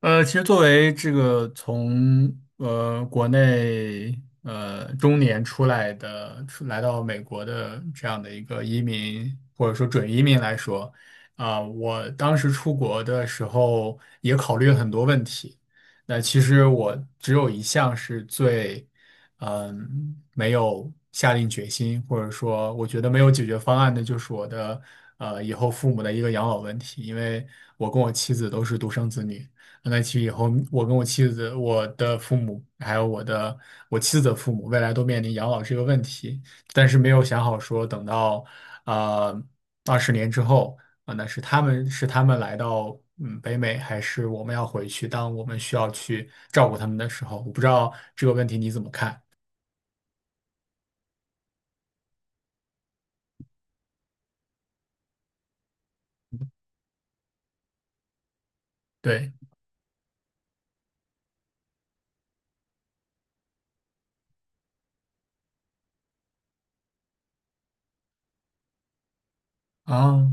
其实作为这个从国内中年出来到美国的这样的一个移民或者说准移民来说，啊、我当时出国的时候也考虑了很多问题。那其实我只有一项是最，没有下定决心，或者说我觉得没有解决方案的，就是我的以后父母的一个养老问题，因为我跟我妻子都是独生子女。那其实以后，我跟我妻子、我的父母，还有我妻子的父母，未来都面临养老这个问题，但是没有想好说等到呃二十年之后啊、那是他们来到北美，还是我们要回去？当我们需要去照顾他们的时候，我不知道这个问题你怎么看？对啊，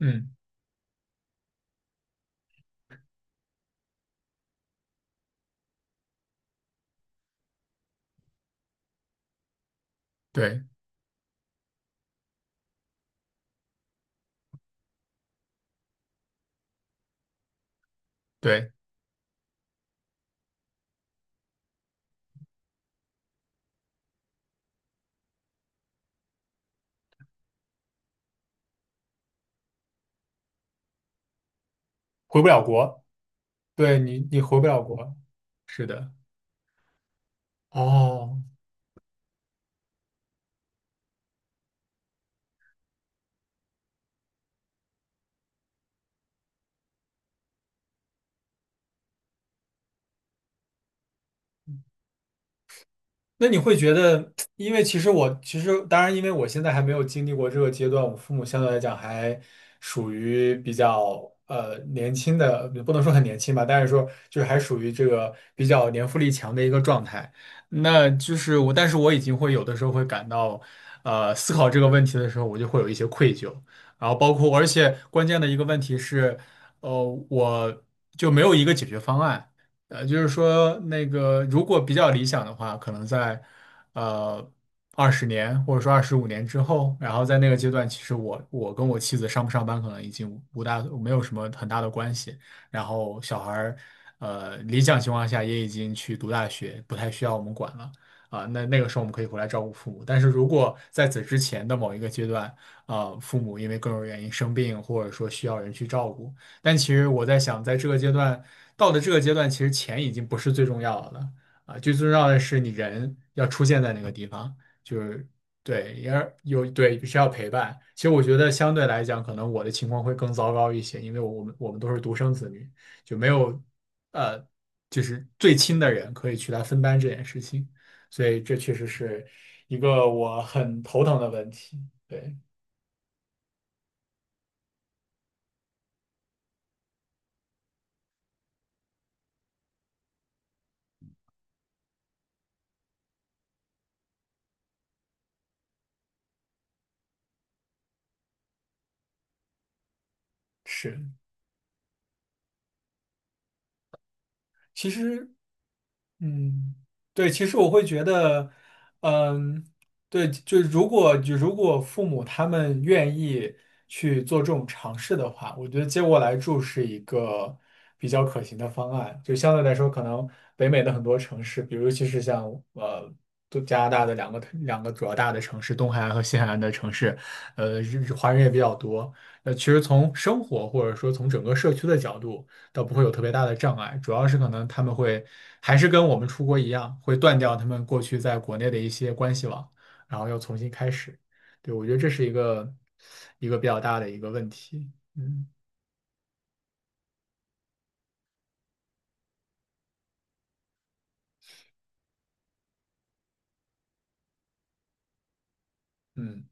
嗯，对对，回不了国，对你回不了国，是的，哦，那你会觉得，因为其实我其实当然，因为我现在还没有经历过这个阶段，我父母相对来讲还属于比较年轻的，不能说很年轻吧，但是说就是还属于这个比较年富力强的一个状态。那就是我，但是我已经会有的时候会感到，思考这个问题的时候，我就会有一些愧疚，然后包括而且关键的一个问题是，呃，我就没有一个解决方案。就是说那个如果比较理想的话，可能在呃二十年或者说25年之后，然后在那个阶段，其实我跟我妻子上不上班可能已经无大没有什么很大的关系，然后小孩儿理想情况下也已经去读大学，不太需要我们管了。啊，那那个时候我们可以回来照顾父母，但是如果在此之前的某一个阶段，啊，父母因为各种原因生病，或者说需要人去照顾，但其实我在想，在这个阶段，到了这个阶段，其实钱已经不是最重要的了啊，最重要的是你人要出现在那个地方，就是对，也有对需要陪伴。其实我觉得相对来讲，可能我的情况会更糟糕一些，因为我们都是独生子女，就没有呃，就是最亲的人可以去来分担这件事情，所以这确实是一个我很头疼的问题。对，是，其实。嗯，对，其实我会觉得，嗯，对，就如果父母他们愿意去做这种尝试的话，我觉得接过来住是一个比较可行的方案。就相对来说，可能北美的很多城市，比如尤其实像呃，都加拿大的两个主要大的城市，东海岸和西海岸的城市，日华人也比较多。其实从生活或者说从整个社区的角度。倒不会有特别大的障碍，主要是可能他们会还是跟我们出国一样，会断掉他们过去在国内的一些关系网，然后要重新开始。对，我觉得这是一个比较大的一个问题。嗯嗯，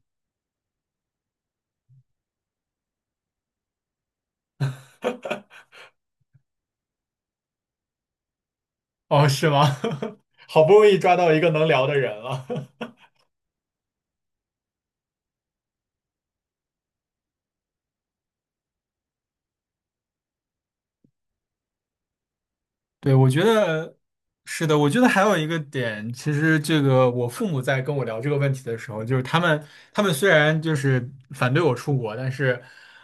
哦，是吗？好不容易抓到一个能聊的人了。对，我觉得是的。我觉得还有一个点，其实这个我父母在跟我聊这个问题的时候，就是他们虽然就是反对我出国，但是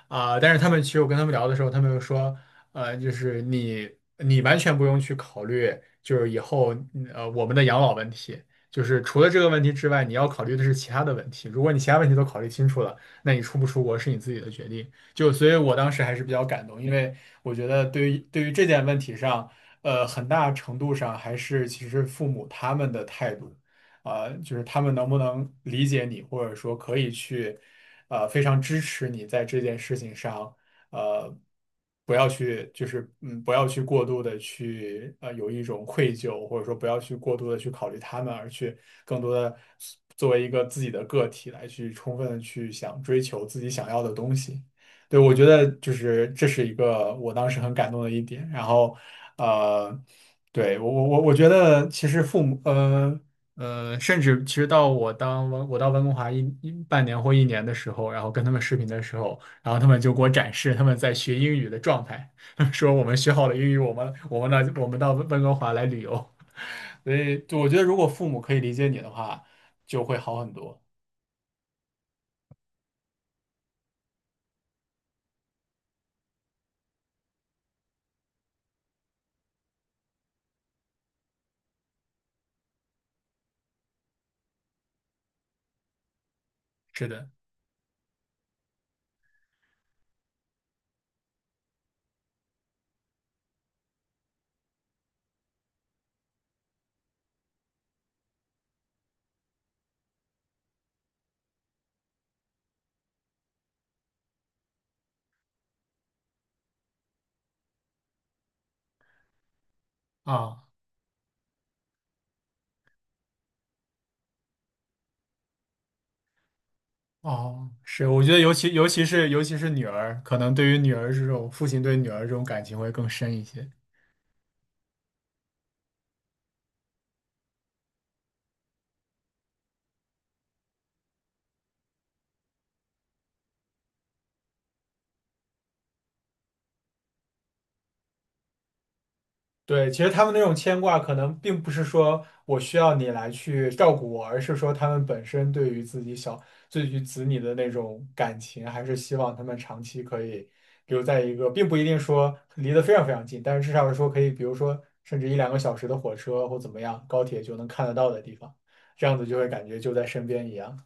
啊、但是他们其实我跟他们聊的时候，他们又说，就是你完全不用去考虑，就是以后我们的养老问题，就是除了这个问题之外，你要考虑的是其他的问题。如果你其他问题都考虑清楚了，那你出不出国是你自己的决定。就所以，我当时还是比较感动，因为我觉得对于这件问题上。很大程度上还是其实父母他们的态度，啊、就是他们能不能理解你，或者说可以去，非常支持你在这件事情上，呃，不要去，不要去过度的去，有一种愧疚，或者说不要去过度的去考虑他们，而去更多的作为一个自己的个体来去充分的去想追求自己想要的东西。对，我觉得就是这是一个我当时很感动的一点。然后，呃，对，我觉得其实父母，甚至其实到我到温哥华一半年或一年的时候，然后跟他们视频的时候，然后他们就给我展示他们在学英语的状态，说我们学好了英语，我们到温哥华来旅游。所以，就我觉得如果父母可以理解你的话，就会好很多。是的，啊。哦，是，我觉得尤其是女儿，可能对于女儿这种父亲对女儿这种感情会更深一些。对，其实他们那种牵挂，可能并不是说我需要你来去照顾我，而是说他们本身对于自己小，对于子女的那种感情，还是希望他们长期可以留在一个，并不一定说离得非常非常近，但是至少说可以，比如说甚至一两个小时的火车或怎么样，高铁就能看得到的地方，这样子就会感觉就在身边一样。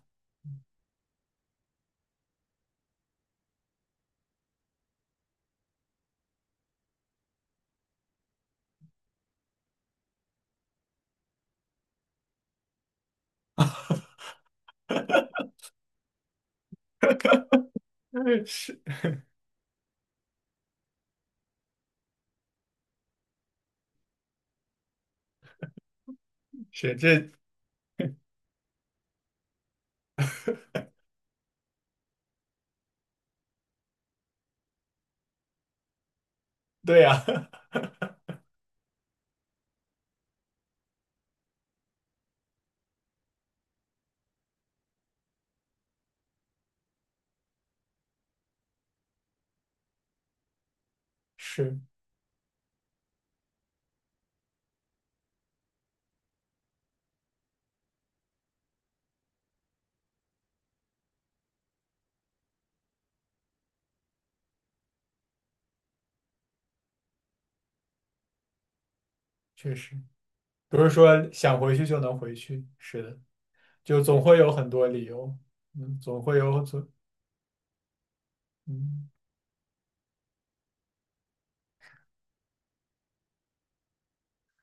嗯，是是，这对呀、是，确实，不是说想回去就能回去。是的，就总会有很多理由，嗯，总会有总，嗯。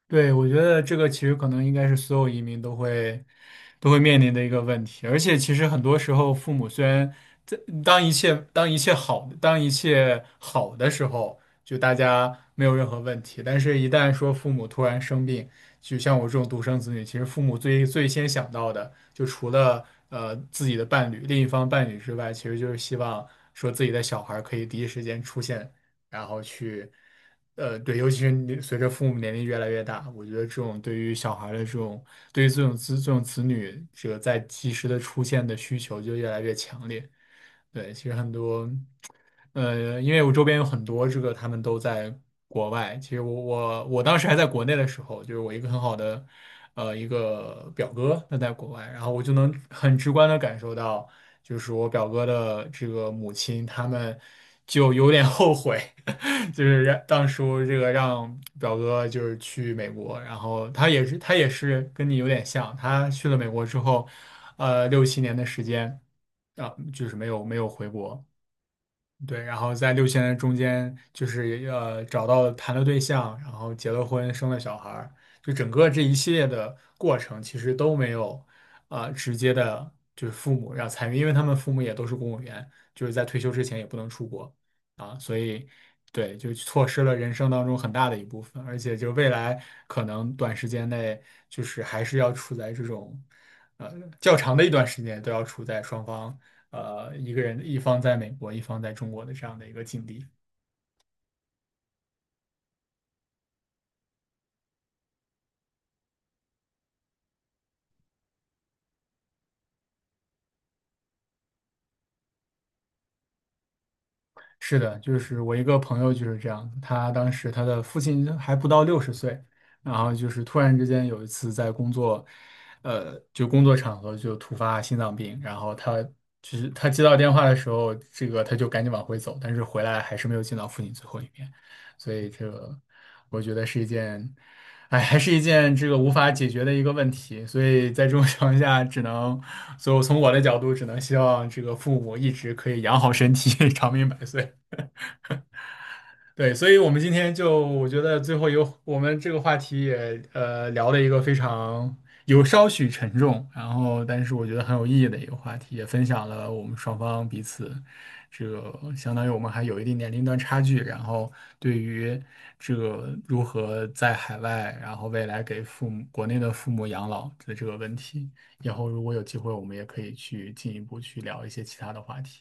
对，我觉得这个其实可能应该是所有移民都会面临的一个问题，而且其实很多时候，父母虽然在当一切当一切好当一切好的时候，就大家没有任何问题，但是一旦说父母突然生病，就像我这种独生子女，其实父母最先想到的，就除了自己的伴侣、另一方伴侣之外，其实就是希望说自己的小孩儿可以第一时间出现。然后去，呃，对，尤其是你随着父母年龄越来越大，我觉得这种对于小孩儿的这种，对于这种子女这个在及时的出现的需求就越来越强烈。对，其实很多，因为我周边有很多这个他们都在国外，其实我当时还在国内的时候，就是我一个很好的。呃，一个表哥他在国外，然后我就能很直观的感受到，就是我表哥的这个母亲，他们就有点后悔，就是让当初这个让表哥就是去美国，然后他也是跟你有点像，他去了美国之后，六七年的时间啊，就是没有回国，对，然后在6000人中间，就是找到谈了对象，然后结了婚，生了小孩儿，就整个这一系列的过程，其实都没有啊、直接的，就是父母要参与，因为他们父母也都是公务员，就是在退休之前也不能出国啊，所以对，就错失了人生当中很大的一部分，而且就未来可能短时间内，就是还是要处在这种呃较长的一段时间都要处在双方。一个人一方在美国，一方在中国的这样的一个境地。是的，就是我一个朋友就是这样，他当时他的父亲还不到60岁，然后就是突然之间有一次在工作，呃，就工作场合就突发心脏病，然后他就是他接到电话的时候，这个他就赶紧往回走，但是回来还是没有见到父亲最后一面，所以这个我觉得是一件，哎，还是一件这个无法解决的一个问题，所以在这种情况下，所以我从我的角度只能希望这个父母一直可以养好身体，长命百岁。对，所以我们今天就我觉得最后有我们这个话题也聊了一个非常有稍许沉重，然后但是我觉得很有意义的一个话题，也分享了我们双方彼此这个相当于我们还有一定年龄段差距，然后对于这个如何在海外，然后未来给父母国内的父母养老的这个问题，以后如果有机会，我们也可以去进一步去聊一些其他的话题。